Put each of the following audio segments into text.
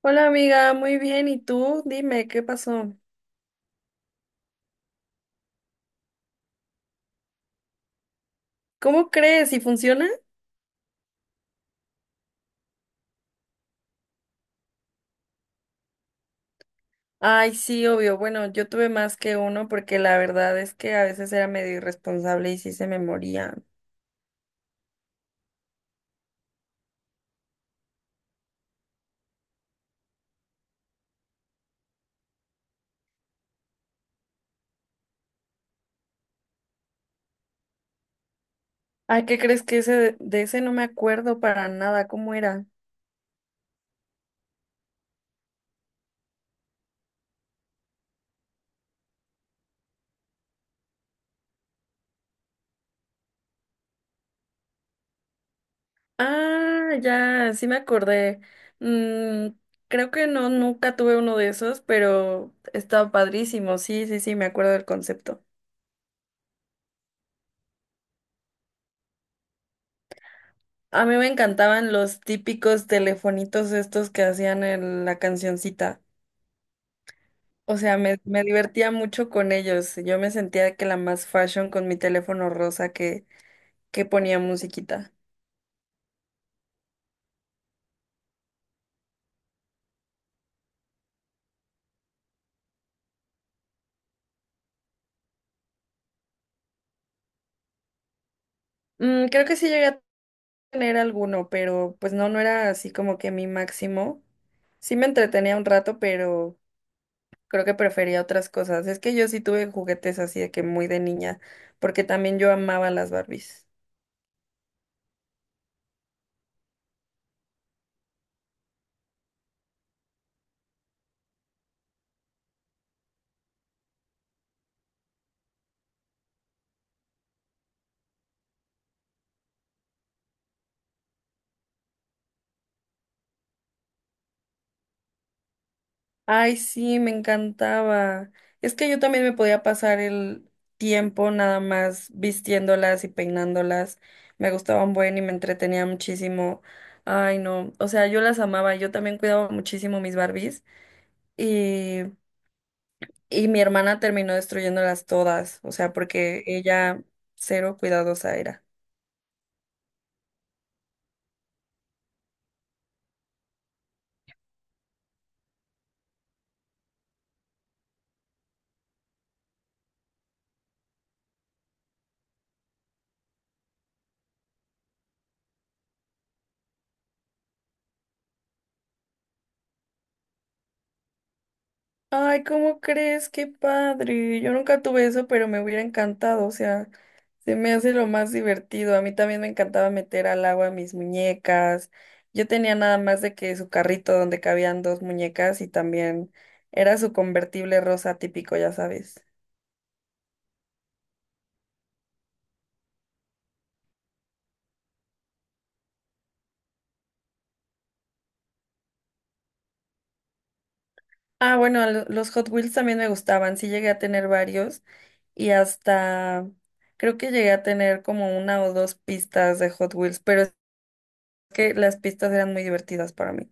Hola amiga, muy bien. ¿Y tú? Dime, ¿qué pasó? ¿Cómo crees? ¿Y funciona? Ay, sí, obvio. Bueno, yo tuve más que uno porque la verdad es que a veces era medio irresponsable y sí se me moría. Ay, ¿qué crees que ese de ese no me acuerdo para nada? ¿Cómo era? Ah, ya, sí me acordé. Mm, creo que no, nunca tuve uno de esos, pero estaba padrísimo. Sí, sí, sí, me acuerdo del concepto. A mí me encantaban los típicos telefonitos estos que hacían en la cancioncita. O sea, me divertía mucho con ellos. Yo me sentía que la más fashion con mi teléfono rosa que ponía musiquita. Creo que sí llegué a tener alguno, pero pues no, no era así como que mi máximo. Sí me entretenía un rato, pero creo que prefería otras cosas. Es que yo sí tuve juguetes así de que muy de niña, porque también yo amaba las Barbies. Ay, sí, me encantaba. Es que yo también me podía pasar el tiempo nada más vistiéndolas y peinándolas. Me gustaban buen y me entretenía muchísimo. Ay, no. O sea, yo las amaba. Yo también cuidaba muchísimo mis Barbies. Y, y mi hermana terminó destruyéndolas todas. O sea, porque ella cero cuidadosa era. Ay, ¿cómo crees? Qué padre. Yo nunca tuve eso, pero me hubiera encantado. O sea, se me hace lo más divertido. A mí también me encantaba meter al agua mis muñecas. Yo tenía nada más de que su carrito donde cabían dos muñecas y también era su convertible rosa típico, ya sabes. Ah, bueno, los Hot Wheels también me gustaban. Sí llegué a tener varios y hasta creo que llegué a tener como una o dos pistas de Hot Wheels, pero es que las pistas eran muy divertidas para mí.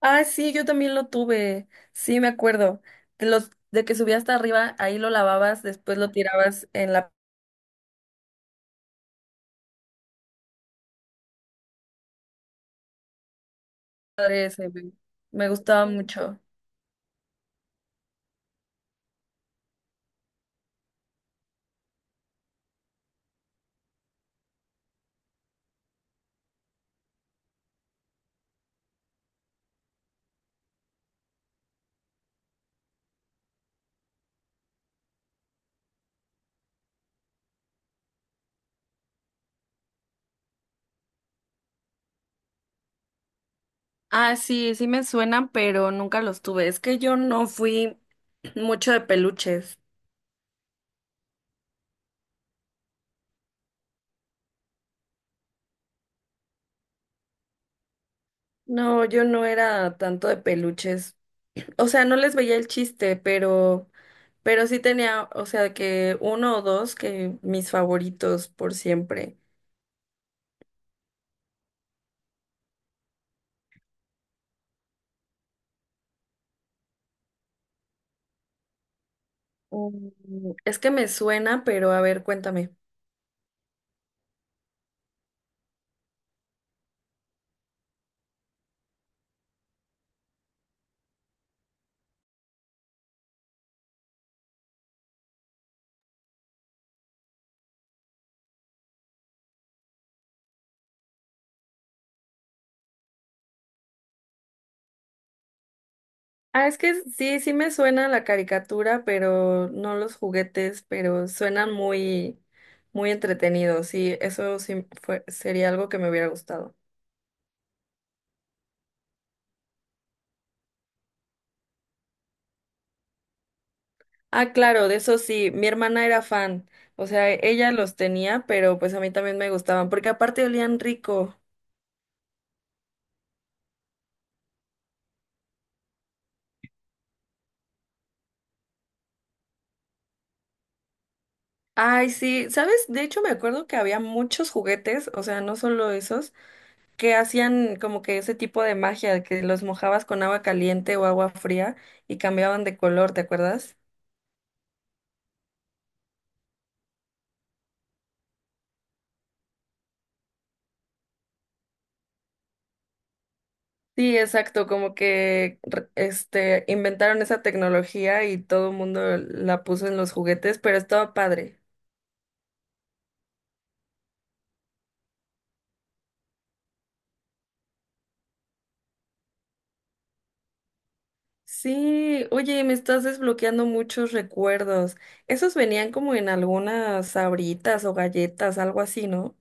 Ah, sí, yo también lo tuve. Sí, me acuerdo. De los de que subía hasta arriba, ahí lo lavabas, después lo tirabas en la padre ese, me me gustaba mucho. Ah, sí, sí me suenan, pero nunca los tuve. Es que yo no fui mucho de peluches. No, yo no era tanto de peluches. O sea, no les veía el chiste, pero sí tenía, o sea, que uno o dos que mis favoritos por siempre. Mm. Es que me suena, pero a ver, cuéntame. Ah, es que sí, sí me suena la caricatura, pero no los juguetes, pero suenan muy, muy entretenidos. Sí, eso sí fue, sería algo que me hubiera gustado. Ah, claro, de eso sí, mi hermana era fan. O sea, ella los tenía, pero pues a mí también me gustaban, porque aparte olían rico. Ay, sí, ¿sabes? De hecho, me acuerdo que había muchos juguetes, o sea, no solo esos, que hacían como que ese tipo de magia, que los mojabas con agua caliente o agua fría y cambiaban de color, ¿te acuerdas? Sí, exacto, como que este inventaron esa tecnología y todo el mundo la puso en los juguetes, pero estaba padre. Sí, oye, me estás desbloqueando muchos recuerdos. Esos venían como en algunas sabritas o galletas, algo así, ¿no?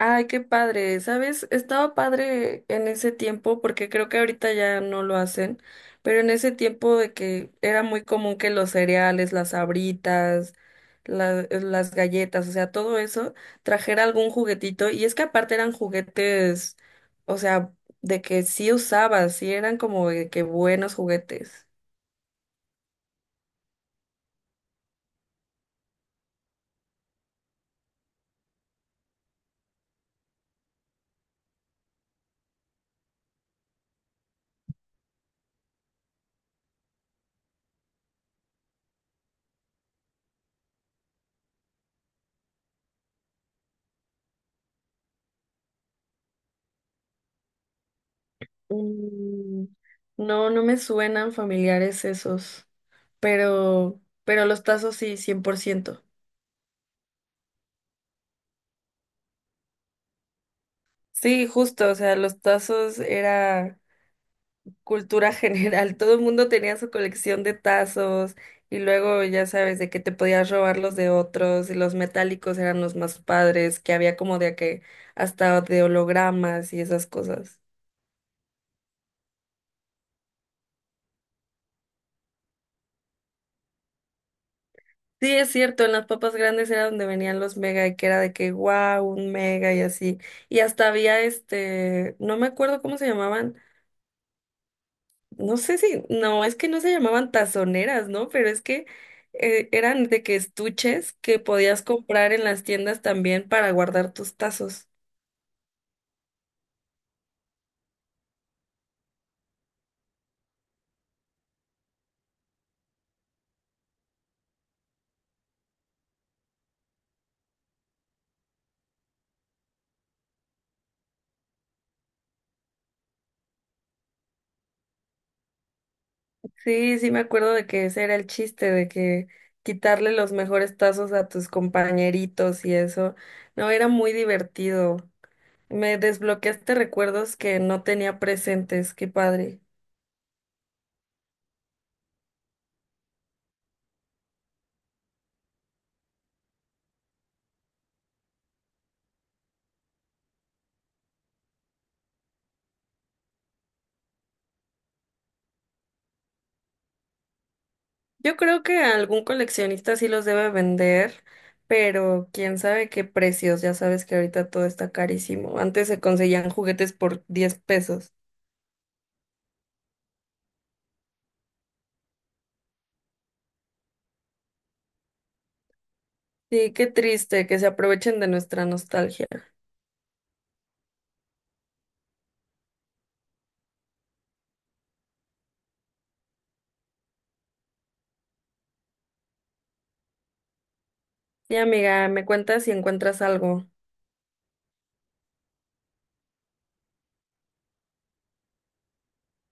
Ay, qué padre, ¿sabes? Estaba padre en ese tiempo, porque creo que ahorita ya no lo hacen, pero en ese tiempo de que era muy común que los cereales, las sabritas, las galletas, o sea, todo eso, trajera algún juguetito, y es que aparte eran juguetes, o sea, de que sí usabas, sí eran como de que buenos juguetes. Mm, No, no me suenan familiares esos, pero, pero los tazos sí, 100%. Sí, justo, o sea, los tazos era cultura general, todo el mundo tenía su colección de tazos y luego ya sabes de que te podías robar los de otros y los metálicos eran los más padres, que había como de que hasta de hologramas y esas cosas. Sí, es cierto, en las papas grandes era donde venían los mega y que era de que wow, un mega y así. Y hasta había no me acuerdo cómo se llamaban, no sé si, no, es que no se llamaban tazoneras, ¿no? Pero es que eran de que estuches que podías comprar en las tiendas también para guardar tus tazos. Sí, sí me acuerdo de que ese era el chiste, de que quitarle los mejores tazos a tus compañeritos y eso. No, era muy divertido. Me desbloqueaste recuerdos que no tenía presentes, qué padre. Yo creo que algún coleccionista sí los debe vender, pero quién sabe qué precios. Ya sabes que ahorita todo está carísimo. Antes se conseguían juguetes por 10 pesos. Sí, qué triste que se aprovechen de nuestra nostalgia. Sí, amiga, me cuentas si encuentras algo.